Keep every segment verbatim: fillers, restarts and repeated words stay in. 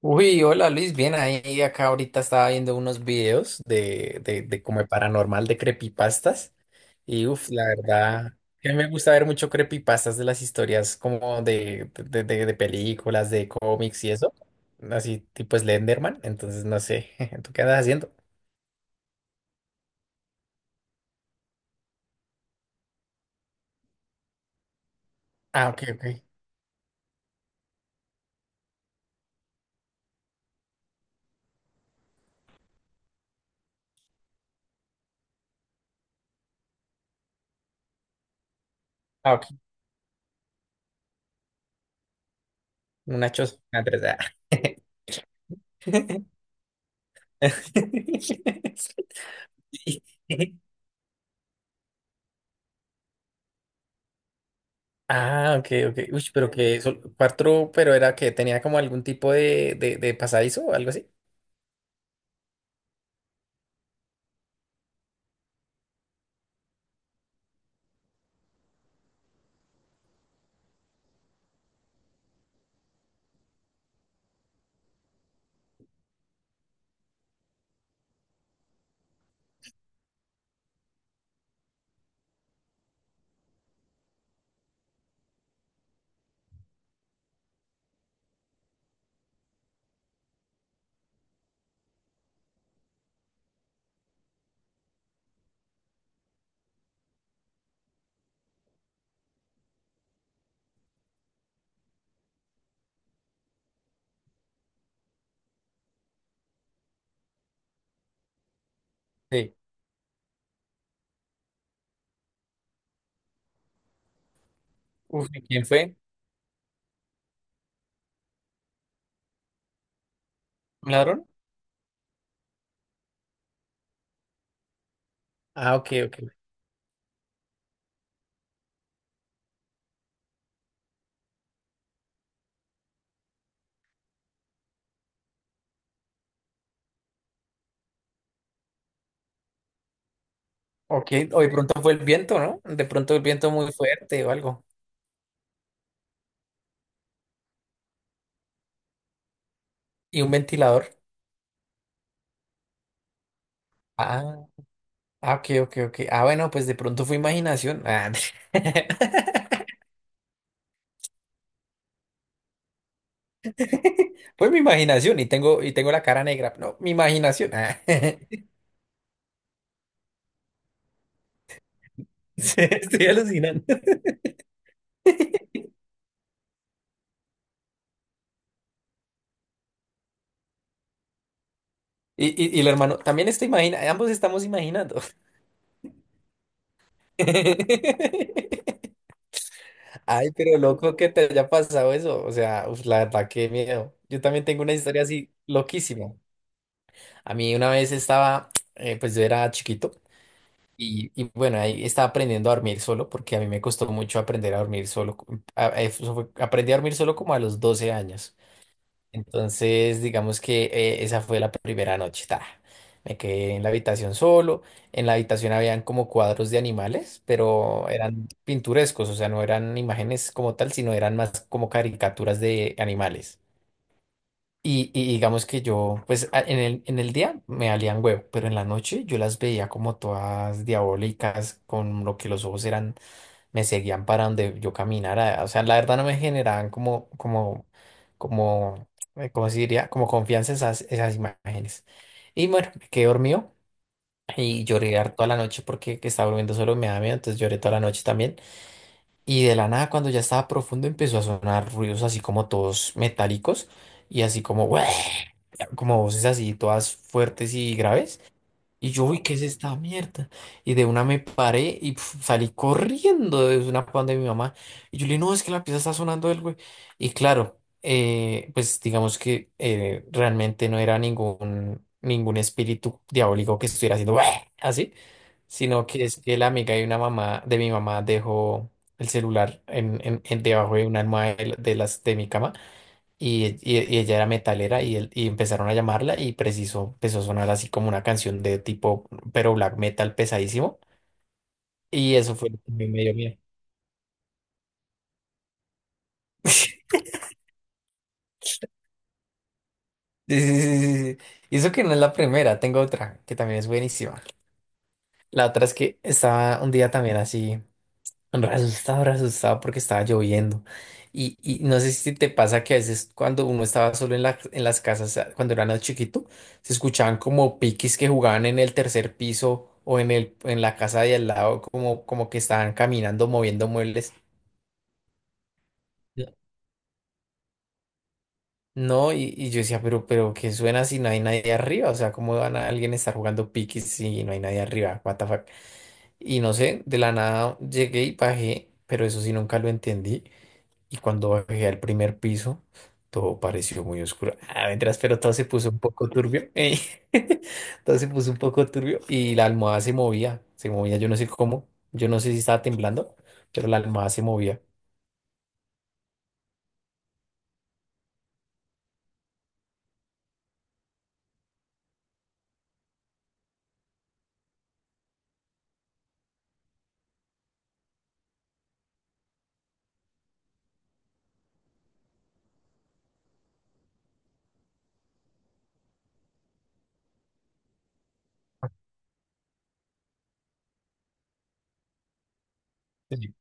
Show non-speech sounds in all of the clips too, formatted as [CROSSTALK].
Uy, hola Luis, bien ahí. Acá ahorita estaba viendo unos videos de, de, de como de paranormal de creepypastas. Y uff, la verdad, que me gusta ver mucho creepypastas de las historias como de, de, de- de películas, de cómics y eso. Así tipo Slenderman. Entonces no sé, [LAUGHS] ¿tú qué andas haciendo? Ah, ok, ok. Ah, ok. Una choza. Ah, tres, ah. [LAUGHS] Ah, ok, ok. Uy, pero que sol- cuatro, pero era que tenía como algún tipo de, de, de pasadizo o algo así. Sí. Uf, ¿y quién fue? ¿Un ladrón? Ah, ok, ok. Ok, o de pronto fue el viento, ¿no? De pronto el viento muy fuerte o algo. Y un ventilador. Ah, ah, ok, ok, ok. Ah, bueno, pues de pronto fue imaginación. Ah, [LAUGHS] fue mi imaginación y tengo, y tengo la cara negra. No, mi imaginación. Ah, [LAUGHS] sí, estoy alucinando. Y, y, y el hermano, también está imagina, ambos estamos imaginando. [LAUGHS] Ay, pero loco que te haya pasado eso. O sea, uf, la verdad, qué miedo. Yo también tengo una historia así loquísima. A mí una vez estaba, [TSK] eh, pues yo era chiquito y, y bueno, ahí estaba aprendiendo a dormir solo porque a mí me costó mucho aprender a dormir solo. A- eso fue- aprendí a dormir solo como a los doce años. Entonces, digamos que eh, esa fue la primera noche. Ta. Me quedé en la habitación solo. En la habitación habían como cuadros de animales, pero eran pintorescos, o sea, no eran imágenes como tal, sino eran más como caricaturas de animales. Y, y digamos que yo, pues a- en el, en el día me valían huevo, pero en la noche yo las veía como todas diabólicas, con lo que los ojos eran me seguían para donde yo caminara. O sea, la verdad no me generaban como, como, como, eh, ¿cómo se diría? Como confianza esas, esas imágenes. Y bueno, me quedé dormido y lloré har- toda la noche porque que estaba durmiendo solo me daba miedo, entonces lloré toda la noche también. Y de la nada, cuando ya estaba profundo, empezó a sonar ruidos así como todos metálicos y así como, [LAUGHS] como voces así todas fuertes y graves. Y yo, uy, ¿qué es esta mierda? Y de una me paré y pf, salí corriendo de una pan de mi mamá. Y yo le dije, no, es que la pieza está sonando el güey. Y claro, eh, pues digamos que eh, realmente no era ningún, ningún espíritu diabólico que estuviera haciendo "Uah", así, sino que es que la amiga de una mamá, de mi mamá, dejó el celular en, en- en- debajo de una almohada de, la- de las de mi cama. Y, y- y ella era metalera y, él- y empezaron a llamarla y preciso empezó a sonar así como una canción de tipo, pero black metal pesadísimo. Y eso fue lo que me dio miedo. [LAUGHS] Sí, sí, sí, sí, sí. Y eso que no es la primera, tengo otra que también es buenísima. La otra es que estaba un día también así. Re asustado, re asustado porque estaba lloviendo. Y, y no sé si te pasa que a veces cuando uno estaba solo en la- en las casas, a- cuando era más chiquito, se escuchaban como piquis que jugaban en el tercer piso o en el, en la casa de al lado, como, como que estaban caminando, moviendo muebles. No, y, y yo decía, pero, pero, ¿qué suena si no hay nadie arriba? O sea, ¿cómo van a alguien estar jugando piquis si no hay nadie arriba? What the fuck? Y no sé, de la nada llegué y bajé, pero eso sí nunca lo entendí. Y cuando bajé al primer piso, todo pareció muy oscuro. Ah, mientras, pero todo se puso un poco turbio. [LAUGHS] eh. Todo se puso un poco turbio y la almohada se movía, se movía, yo no sé cómo, yo no sé si estaba temblando, pero la almohada se movía. Sí.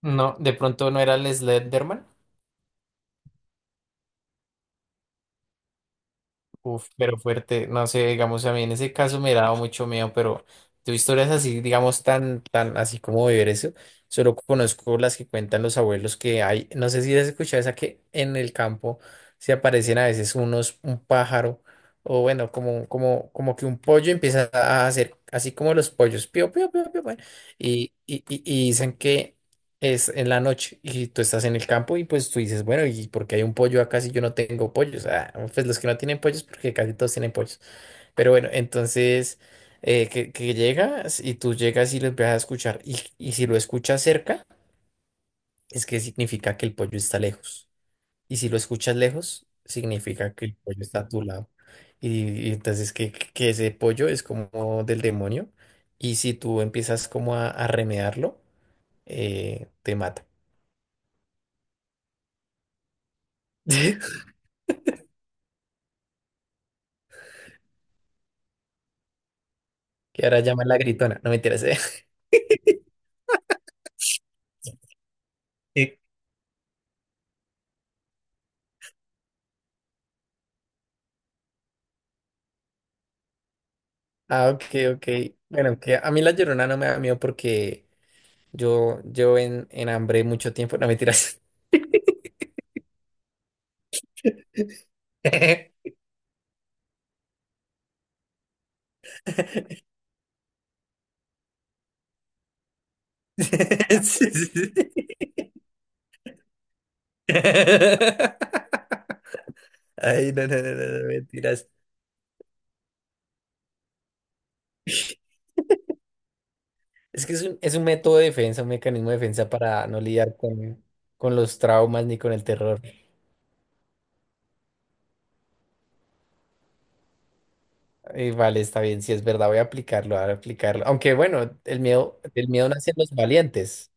No, de pronto no era el Slenderman. Uf, pero fuerte, no sé, digamos, a mí en ese caso me daba mucho miedo, pero de historias así, digamos, tan, tan, así como vivir eso, solo conozco las que cuentan los abuelos que hay, no sé si has escuchado esa que en el campo se aparecen a veces unos, un pájaro, o bueno, como, como, como que un pollo empieza a hacer, así como los pollos, pío, pío, pío, pío, pío, y, y, y y dicen que es en la noche y tú estás en el campo y pues tú dices, bueno, ¿y porque hay un pollo acá si yo no tengo pollos? Ah, pues los que no tienen pollos, porque casi todos tienen pollos. Pero bueno, entonces eh, que, que llegas y tú llegas y lo empiezas a escuchar y, y si lo escuchas cerca, es que significa que el pollo está lejos. Y si lo escuchas lejos, significa que el pollo está a tu lado. Y, y entonces que, que ese pollo es como del demonio y si tú empiezas como a, a remedarlo, eh, te mata. [LAUGHS] Que ahora llaman la gritona, no me interesa. [LAUGHS] Ah, ok, ok. Bueno, que a mí la llorona no me da miedo porque yo, yo en, en hambre mucho tiempo, no me tiras. [LAUGHS] Ay, no, no, no, no, no, mentiras. Es que es un, es un método de defensa, un mecanismo de defensa para no lidiar con, con los traumas ni con el terror. Eh, vale, está bien, si es verdad, voy a aplicarlo, voy a aplicarlo. Aunque bueno, el miedo, el miedo nace en los valientes.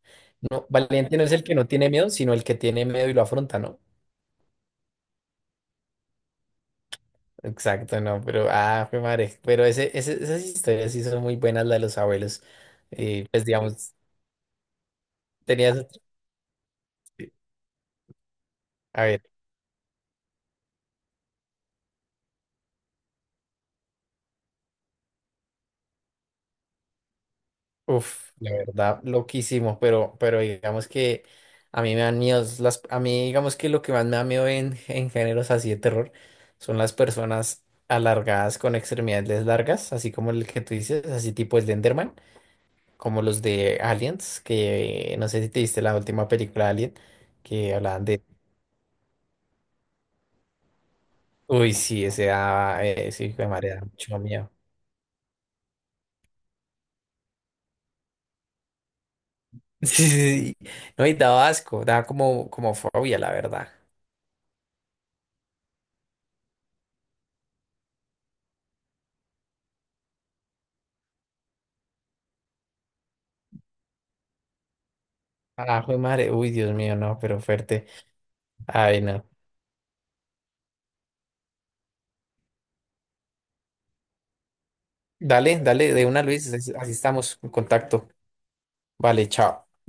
No, valiente no es el que no tiene miedo, sino el que tiene miedo y lo afronta, ¿no? Exacto, no, pero ah, fue madre. Pero ese, ese- esas historias sí son muy buenas, las de los abuelos. Eh, pues digamos, tenías. A ver. Uf, la verdad, loquísimo, pero, pero digamos que a mí me dan miedos, las, a mí digamos que lo que más me da miedo en, en géneros así de terror son las personas alargadas con extremidades largas, así como el que tú dices, así tipo Slenderman, como los de Aliens, que no sé si te viste la última película de Alien, que hablaban de, uy, sí, ese daba, eh, sí, hijo de madre, daba mucho miedo. [LAUGHS] Sí, sí, sí. No, y daba asco, daba como, como fobia, la verdad. Ah, jue madre, uy, Dios mío, no, pero fuerte. Ay, no. Dale, dale, de una, Luis, así así estamos en contacto. Vale, chao.